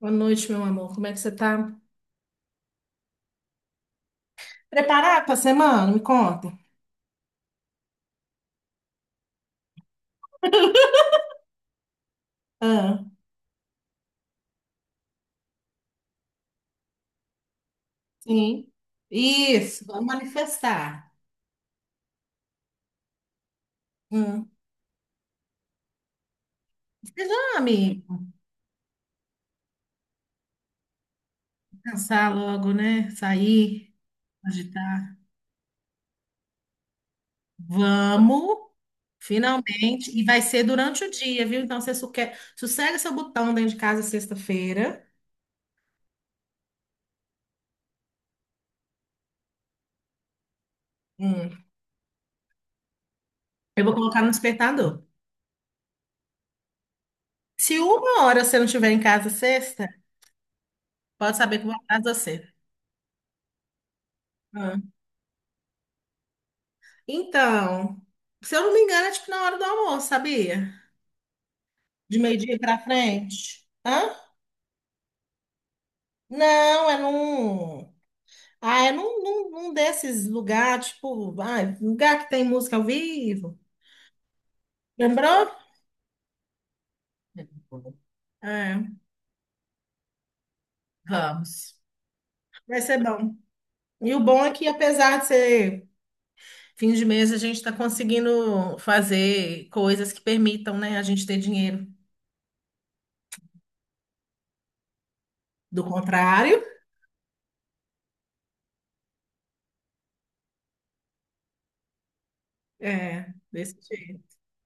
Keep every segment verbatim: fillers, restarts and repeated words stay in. Boa noite, meu amor. Como é que você tá? Preparado para a semana? Me conta. Ah, sim. Isso, vamos manifestar. Hum. Seja amigo. Pensar logo, né? Sair, agitar. Vamos, finalmente. E vai ser durante o dia, viu? Então, você suque- sossega seu botão dentro de casa sexta-feira. Hum. Eu vou colocar no despertador. Se uma hora você não estiver em casa sexta, pode saber que eu vou atrás de você. Então, se eu não me engano, é tipo na hora do almoço, sabia? De meio-dia pra frente. Hã? Não, é num. Ah, é num, num, num desses lugares, tipo, ai, lugar que tem música ao vivo. Lembrou? É, vamos. Vai ser bom. E o bom é que, apesar de ser fim de mês, a gente está conseguindo fazer coisas que permitam, né, a gente ter dinheiro. Do contrário, é, desse jeito.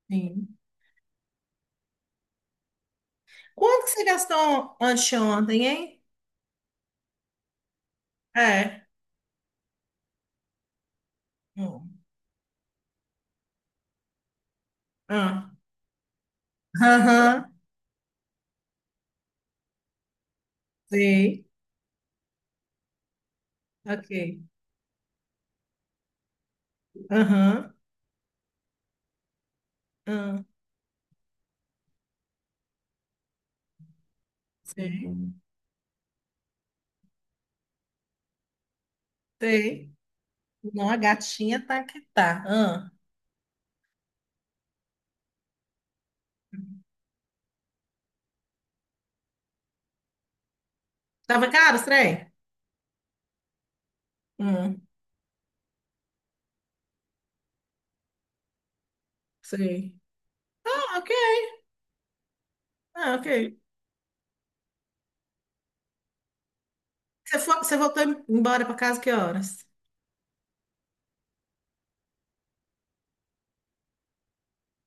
Sim. Quanto que você gastou anteontem, hein? É. Hum. Ah. Aham. Sei. Ok. Aham. Ah. Sei. Sei. Não, a gatinha tá que tá. Ah. Tava caro, os trem? Hum. Sei. Ah, ok. Ah, ok. Você, foi, você voltou embora pra casa que horas?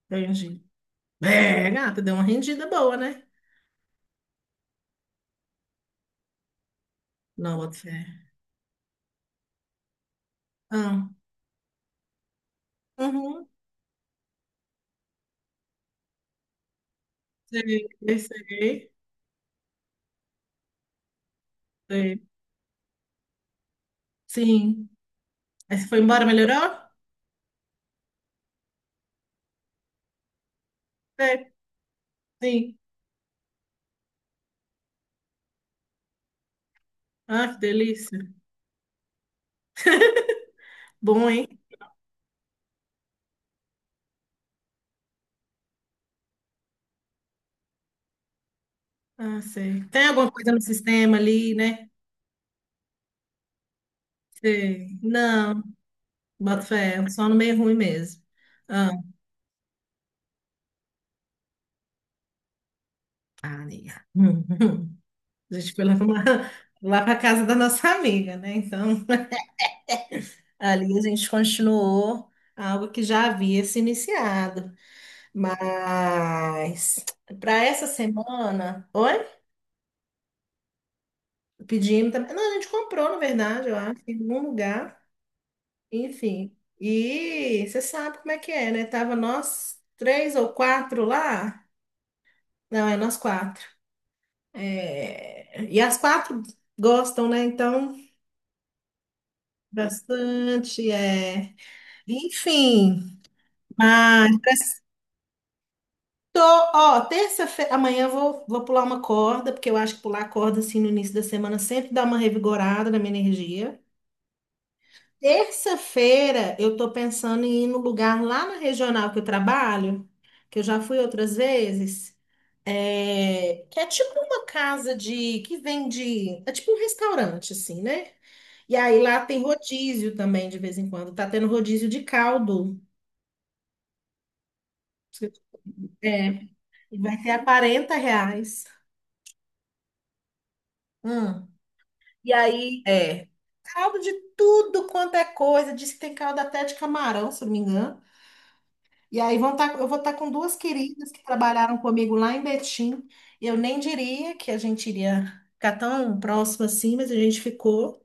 Entendi. É, gata, deu uma rendida boa, né? Não, boto fé. Ah. Uhum. Sei, sei, sei. Sim. Aí você foi embora, melhorou? Sei. Sim. Ah, que delícia. Bom, hein? Ah, sei. Tem alguma coisa no sistema ali, né? Sei. Não, bota fé, é só no meio ruim mesmo. Ah, ah, amiga. Hum, hum. A gente foi lá para lá para casa da nossa amiga, né? Então, ali a gente continuou algo que já havia se iniciado. Mas para essa semana, oi? Pedimos também. Não, a gente comprou, na verdade, eu acho, em algum lugar. Enfim. E você sabe como é que é, né? Tava nós três ou quatro lá. Não, é nós quatro. É, e as quatro gostam, né? Então, bastante. É... Enfim, mas tô, ó, terça-feira, amanhã eu vou, vou pular uma corda, porque eu acho que pular corda assim no início da semana sempre dá uma revigorada na minha energia. Terça-feira eu tô pensando em ir no lugar lá na regional que eu trabalho, que eu já fui outras vezes, é, que é tipo uma casa de que vende, é tipo um restaurante assim, né? E aí lá tem rodízio também de vez em quando. Tá tendo rodízio de caldo. É, e vai ser a quarenta reais. Hum. E aí, é, caldo de tudo quanto é coisa. Diz que tem caldo até de camarão, se eu não me engano. E aí vão tá, eu vou estar com duas queridas que trabalharam comigo lá em Betim. Eu nem diria que a gente iria ficar tão próximo assim, mas a gente ficou.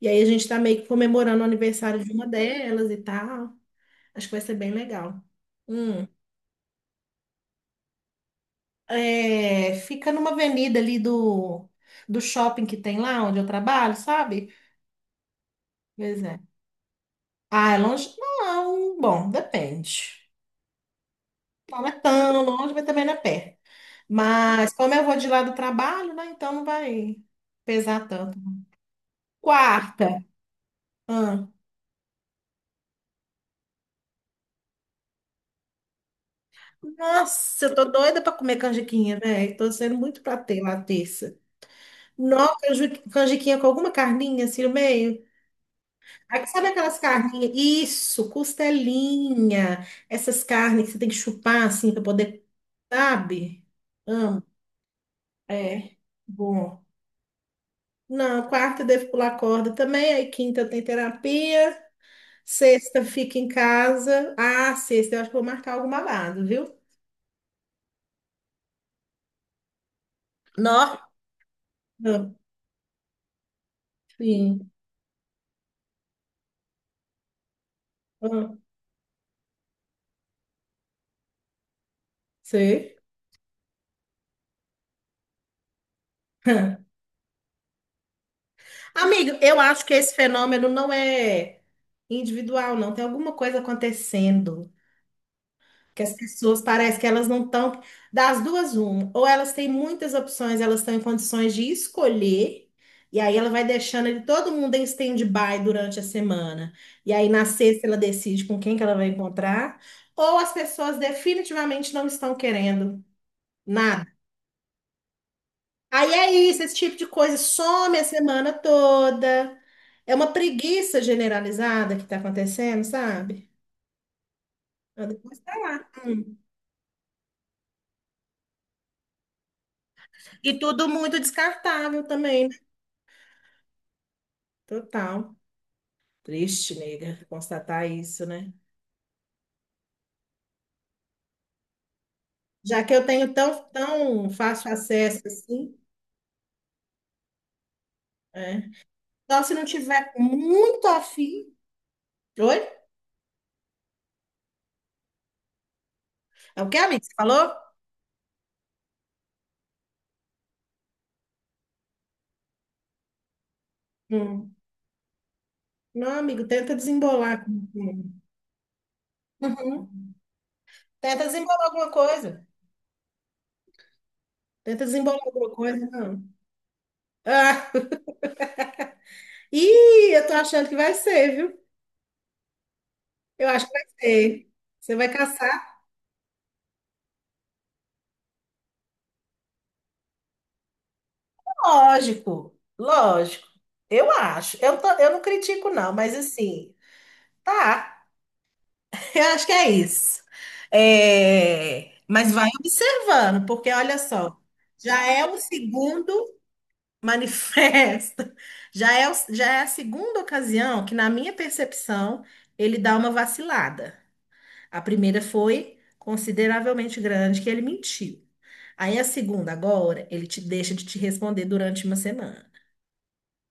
E aí a gente está meio que comemorando o aniversário de uma delas e tal. Acho que vai ser bem legal. Hum. É, fica numa avenida ali do, do shopping que tem lá onde eu trabalho, sabe? Pois é. Ah, é longe? Não, bom, depende. Não é tão longe, mas também não é perto. Mas como eu vou de lá do trabalho, né? Então não vai pesar tanto. Quarta. Ah, nossa, eu tô doida pra comer canjiquinha, velho. Tô sendo muito pra ter lá terça. Nossa, canji- canjiquinha com alguma carninha assim no meio. Aí, sabe aquelas carninhas? Isso, costelinha. Essas carnes que você tem que chupar assim pra poder, sabe? Amo. É, bom. Não, quarta eu devo pular corda também. Aí quinta eu tenho terapia. Sexta fica em casa. Ah, sexta, eu acho que vou marcar algum babado, viu? Nó, ah, sim. Ah, sei. Ah. Amigo, eu acho que esse fenômeno não é individual, não. Tem alguma coisa acontecendo. Que as pessoas parece que elas não estão. Das duas, uma. Ou elas têm muitas opções, elas estão em condições de escolher, e aí ela vai deixando ele, todo mundo em stand-by durante a semana. E aí na sexta ela decide com quem que ela vai encontrar. Ou as pessoas definitivamente não estão querendo nada. Aí é isso, esse tipo de coisa some a semana toda. É uma preguiça generalizada que está acontecendo, sabe? Então, depois tá lá. Hum. E tudo muito descartável também, total. Triste, nega, constatar isso, né? Já que eu tenho tão, tão fácil acesso assim, é. Só se não tiver muito afim. Oi? É o que, amigo? Você falou? Hum. Não, amigo, tenta desembolar. Uhum. Tenta desembolar alguma coisa. Tenta desembolar alguma coisa, não. Ah, ih, eu tô achando que vai ser, viu? Eu acho que vai ser. Você vai caçar? Lógico, lógico. Eu acho. Eu, tô- eu não critico, não, mas assim, tá. Eu acho que é isso. É, mas vai observando, porque olha só, já é o segundo manifesto, já é, o- já é a segunda ocasião que, na minha percepção, ele dá uma vacilada. A primeira foi consideravelmente grande, que ele mentiu. Aí a segunda, agora, ele te deixa de te responder durante uma semana.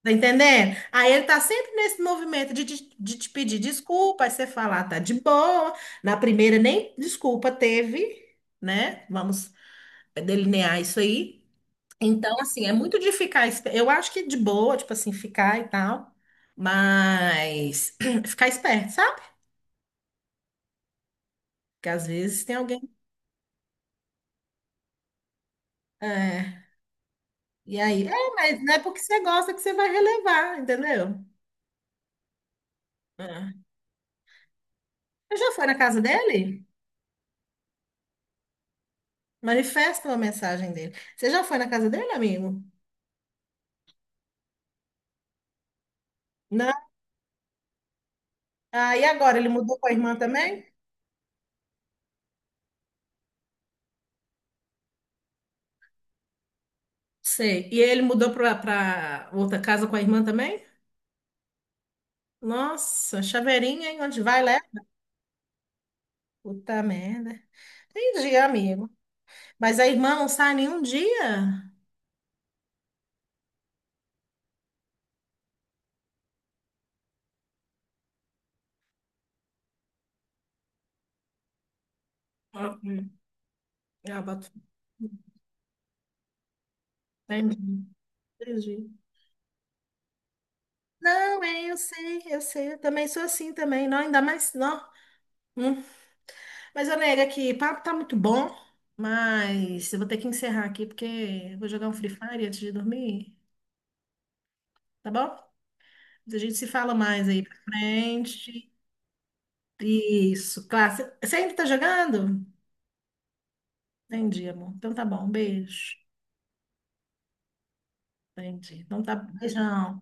Tá entendendo? Aí ele tá sempre nesse movimento de, te de te pedir desculpa, aí você falar tá de boa. Na primeira nem desculpa teve, né? Vamos delinear isso aí. Então, assim, é muito de ficar. espe- Eu acho que de boa, tipo assim, ficar e tal, mas ficar esperto, sabe? Porque às vezes tem alguém. É, e aí, é, mas não é porque você gosta que você vai relevar, entendeu? É. Você já foi na casa dele? Manifesta uma mensagem dele. Você já foi na casa dele, amigo? Não? Ah, e agora? Ele mudou com a irmã também? Sei. E ele mudou pra, pra outra casa com a irmã também? Nossa, chaveirinha, hein? Onde vai, leva? Puta merda. Entendi, amigo. Mas a irmã não sai nenhum dia? Ah, hum. Ah, boto- Entendi, entendi. Não, é, eu sei, eu sei, eu também sou assim também, não, ainda mais, não. Hum. Mas, eu nego que papo tá muito bom, mas eu vou ter que encerrar aqui porque eu vou jogar um Free Fire antes de dormir, tá bom? A gente se fala mais aí pra frente. Isso, claro. Você ainda tá jogando? Entendi, amor. Então tá bom, um beijo. Entendi. Então tá, beijão.